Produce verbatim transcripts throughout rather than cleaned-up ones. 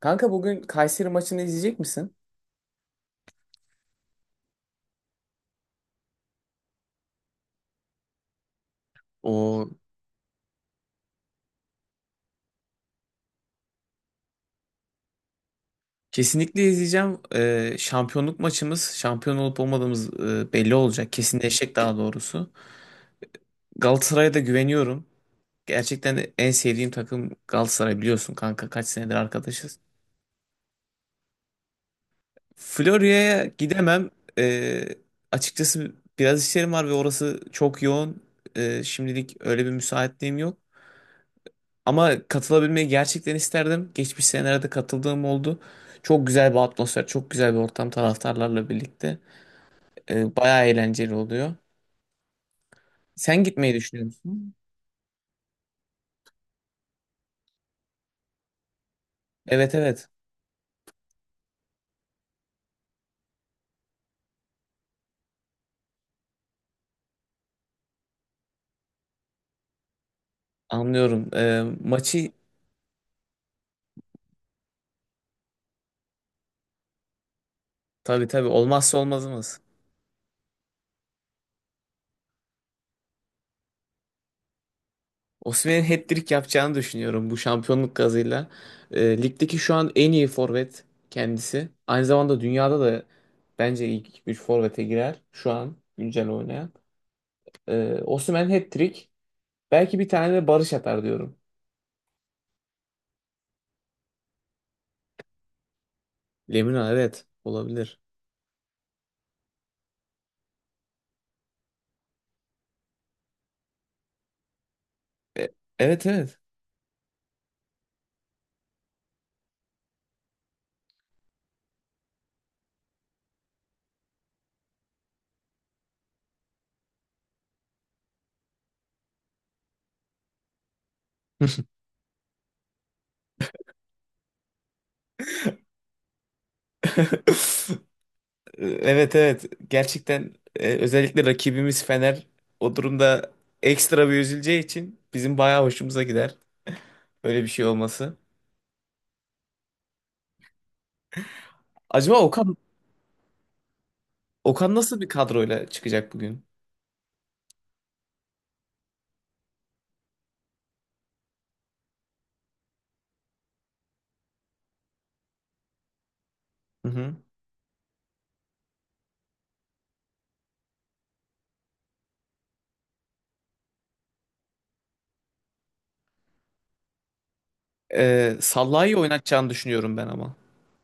Kanka bugün Kayseri maçını izleyecek misin? O kesinlikle izleyeceğim. Ee, şampiyonluk maçımız, şampiyon olup olmadığımız e, belli olacak. Kesinleşecek daha doğrusu. Galatasaray'a da güveniyorum. Gerçekten de en sevdiğim takım Galatasaray biliyorsun kanka. Kaç senedir arkadaşız. Florya'ya gidemem. Ee, açıkçası biraz işlerim var ve orası çok yoğun. Ee, şimdilik öyle bir müsaitliğim yok. Ama katılabilmeyi gerçekten isterdim. Geçmiş senelerde katıldığım oldu. Çok güzel bir atmosfer, çok güzel bir ortam taraftarlarla birlikte. Ee, bayağı eğlenceli oluyor. Sen gitmeyi düşünüyor musun? Evet, evet, anlıyorum. Ee, maçı tabii, tabii, olmazsa olmazımız. Osimhen'in hat-trick yapacağını düşünüyorum bu şampiyonluk gazıyla. Ee, ligdeki şu an en iyi forvet kendisi. Aynı zamanda dünyada da bence ilk üç forvete girer şu an güncel oynayan. Ee, Osimhen hat-trick. Belki bir tane de Barış atar diyorum. Lemina, evet, olabilir. E, evet, evet. Evet, evet. Gerçekten e, özellikle rakibimiz Fener o durumda ekstra bir üzüleceği için bizim bayağı hoşumuza gider. Böyle bir şey olması. Acaba Okan Okan nasıl bir kadroyla çıkacak bugün? Hı hı. Ee, Sallai'yi oynatacağını düşünüyorum ben ama.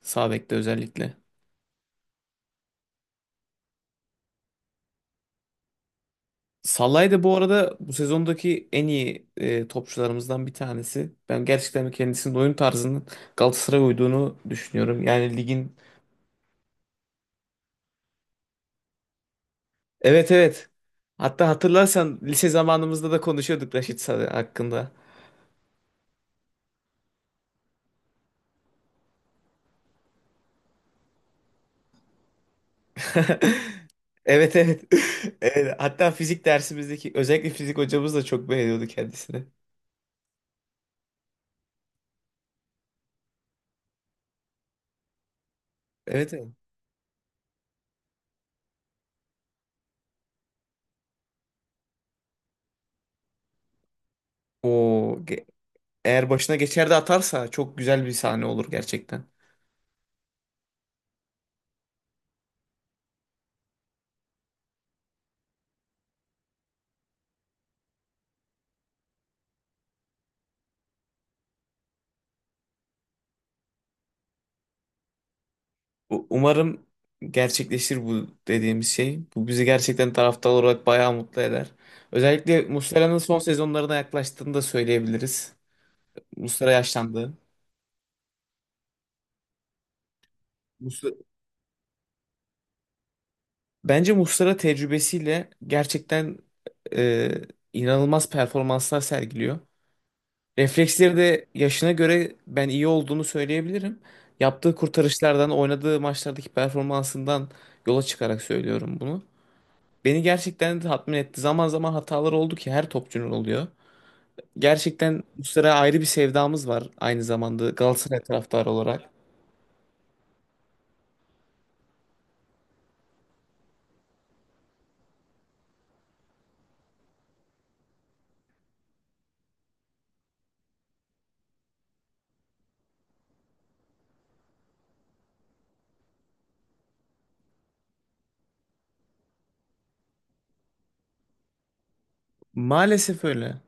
Sağ bekte özellikle. Salah'ı da bu arada bu sezondaki en iyi e, topçularımızdan bir tanesi. Ben gerçekten kendisinin oyun tarzının Galatasaray'a uyduğunu düşünüyorum. Yani ligin... Evet, evet. Hatta hatırlarsan lise zamanımızda da konuşuyorduk Raşit Salih hakkında. Evet, evet. Evet. Hatta fizik dersimizdeki özellikle fizik hocamız da çok beğeniyordu kendisini. Evet, evet. O ge- eğer başına geçer de atarsa çok güzel bir sahne olur gerçekten. U- Umarım gerçekleşir bu dediğimiz şey. Bu bizi gerçekten taraftar olarak bayağı mutlu eder. Özellikle Muslera'nın son sezonlarına yaklaştığını da söyleyebiliriz. Muslera yaşlandı. Muslera- Bence Muslera tecrübesiyle gerçekten e, inanılmaz performanslar sergiliyor. Refleksleri de yaşına göre ben iyi olduğunu söyleyebilirim. Yaptığı kurtarışlardan, oynadığı maçlardaki performansından yola çıkarak söylüyorum bunu. Beni gerçekten de tatmin etti. Zaman zaman hatalar oldu ki her topçunun oluyor. Gerçekten Muslera'ya ayrı bir sevdamız var aynı zamanda Galatasaray taraftarı olarak. Maalesef öyle.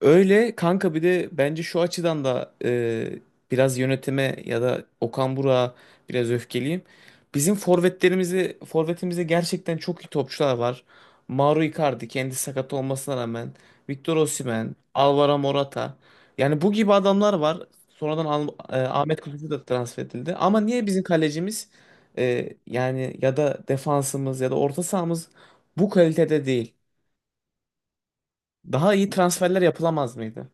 Öyle kanka, bir de bence şu açıdan da e, biraz yönetime ya da Okan Burak'a biraz öfkeliyim. Bizim forvetlerimizi forvetimizde gerçekten çok iyi topçular var. Mauro Icardi kendi sakat olmasına rağmen, Victor Osimhen, Alvaro Morata. Yani bu gibi adamlar var. Sonradan Al- e, Ahmet Kutucu da transfer edildi. Ama niye bizim kalecimiz, e, yani ya da defansımız ya da orta sahamız bu kalitede değil? Daha iyi transferler yapılamaz mıydı?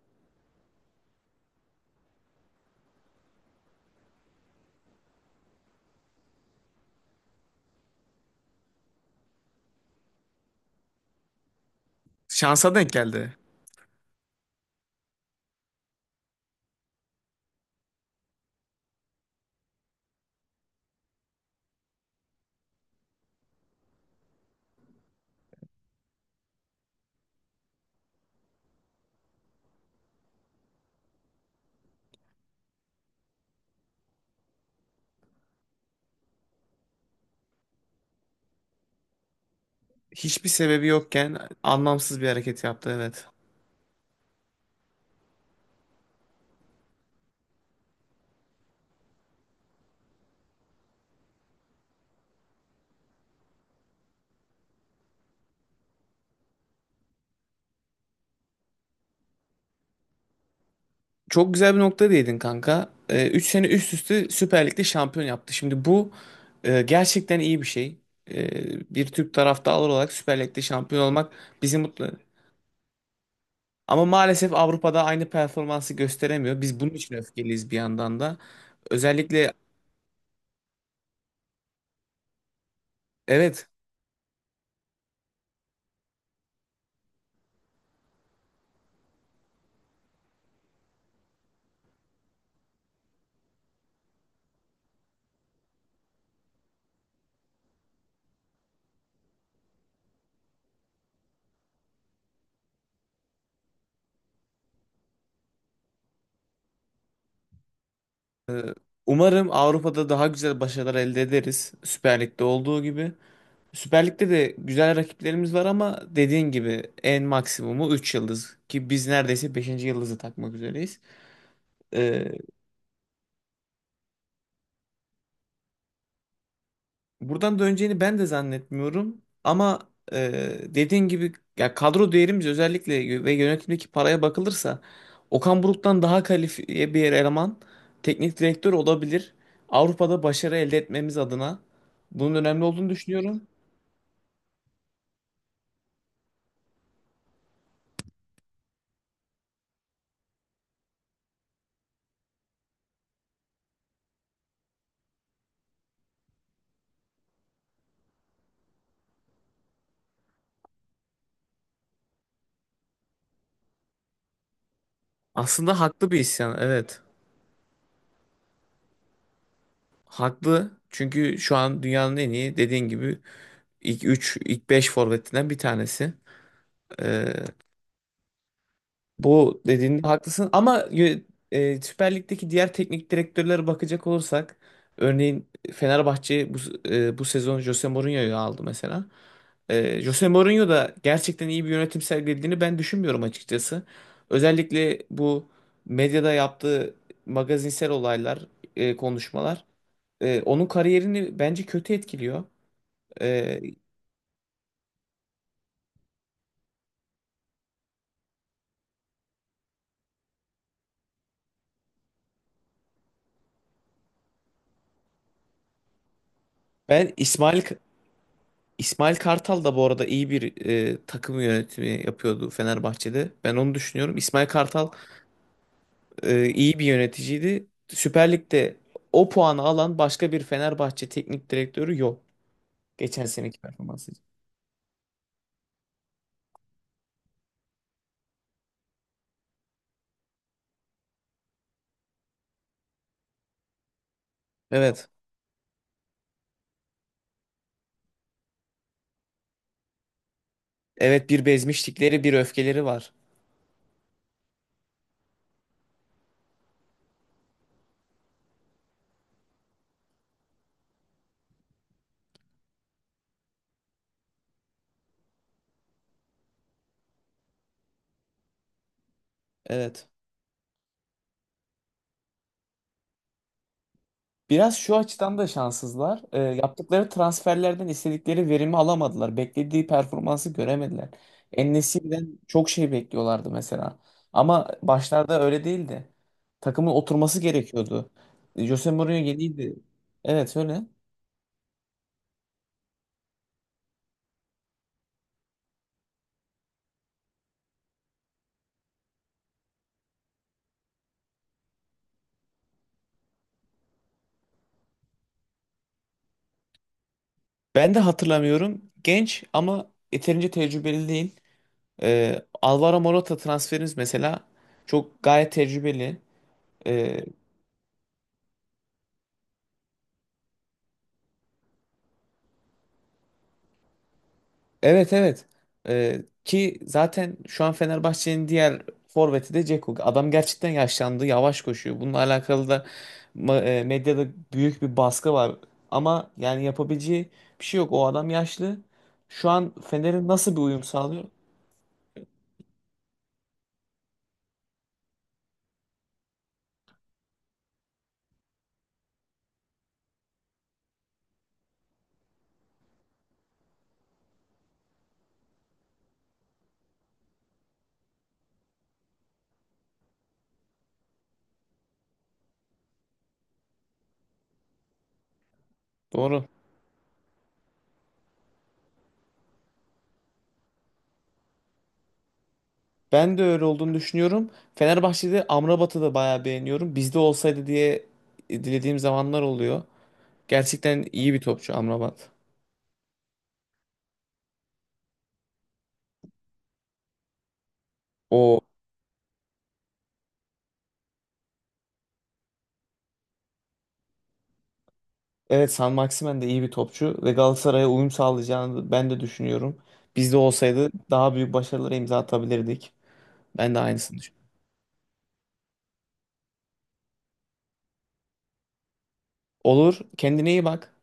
Şansa denk geldi. Hiçbir sebebi yokken anlamsız bir hareket yaptı, evet. Çok güzel bir nokta değindin kanka. Ee, Üç sene üst üste Süper Lig'de şampiyon yaptı. Şimdi bu, e, gerçekten iyi bir şey. E, bir Türk taraftarı olarak Süper Lig'de şampiyon olmak bizi mutlu eder. Ama maalesef Avrupa'da aynı performansı gösteremiyor. Biz bunun için öfkeliyiz bir yandan da. Özellikle evet, e, umarım Avrupa'da daha güzel başarılar elde ederiz. Süper Lig'de olduğu gibi. Süper Lig'de de güzel rakiplerimiz var ama dediğin gibi en maksimumu üç yıldız ki biz neredeyse beşinci yıldızı takmak üzereyiz. Ee, buradan döneceğini ben de zannetmiyorum ama e, dediğin gibi ya kadro değerimiz özellikle ve yönetimdeki paraya bakılırsa Okan Buruk'tan daha kalifiye bir eleman, teknik direktör olabilir. Avrupa'da başarı elde etmemiz adına bunun önemli olduğunu düşünüyorum. Aslında haklı bir isyan, evet. Haklı. Çünkü şu an dünyanın en iyi, dediğin gibi, İlk üç, ilk beş forvetinden bir tanesi. Ee, bu dediğinde haklısın ama y- e, Süper Lig'deki diğer teknik direktörlere bakacak olursak örneğin Fenerbahçe bu, e, bu sezon Jose Mourinho'yu aldı mesela. Ee, Jose Mourinho da gerçekten iyi bir yönetim sergilediğini ben düşünmüyorum açıkçası. Özellikle bu medyada yaptığı magazinsel olaylar, e, konuşmalar e, onun kariyerini bence kötü etkiliyor. Ee, ben İsmail İsmail Kartal da bu arada iyi bir e, takım yönetimi yapıyordu Fenerbahçe'de. Ben onu düşünüyorum. İsmail Kartal e, iyi bir yöneticiydi. Süper Lig'de o puanı alan başka bir Fenerbahçe teknik direktörü yok. Geçen seneki performansı için. Evet. Evet, bir bezmişlikleri, bir öfkeleri var. Evet. Biraz şu açıdan da şanssızlar. E, yaptıkları transferlerden istedikleri verimi alamadılar. Beklediği performansı göremediler. En çok şey bekliyorlardı mesela. Ama başlarda öyle değildi. Takımın oturması gerekiyordu. E, Jose Mourinho yeniydi. Evet, öyle. Ben de hatırlamıyorum. Genç ama yeterince tecrübeli değil. E, Alvaro Morata transferiniz mesela çok gayet tecrübeli. Ee, Evet, evet. Ee, ki zaten şu an Fenerbahçe'nin diğer forveti de Dzeko. Adam gerçekten yaşlandı, yavaş koşuyor. Bununla alakalı da ma- e, medyada büyük bir baskı var. Ama yani yapabileceği bir şey yok. O adam yaşlı. Şu an Fener'in nasıl bir uyum sağlıyor? Doğru. Ben de öyle olduğunu düşünüyorum. Fenerbahçe'de Amrabat'ı da bayağı beğeniyorum. Bizde olsaydı diye dilediğim zamanlar oluyor. Gerçekten iyi bir topçu Amrabat. O Evet, San Maximen de iyi bir topçu ve Galatasaray'a uyum sağlayacağını ben de düşünüyorum. Bizde olsaydı daha büyük başarılara imza atabilirdik. Ben de aynısını düşünüyorum. Olur. Kendine iyi bak.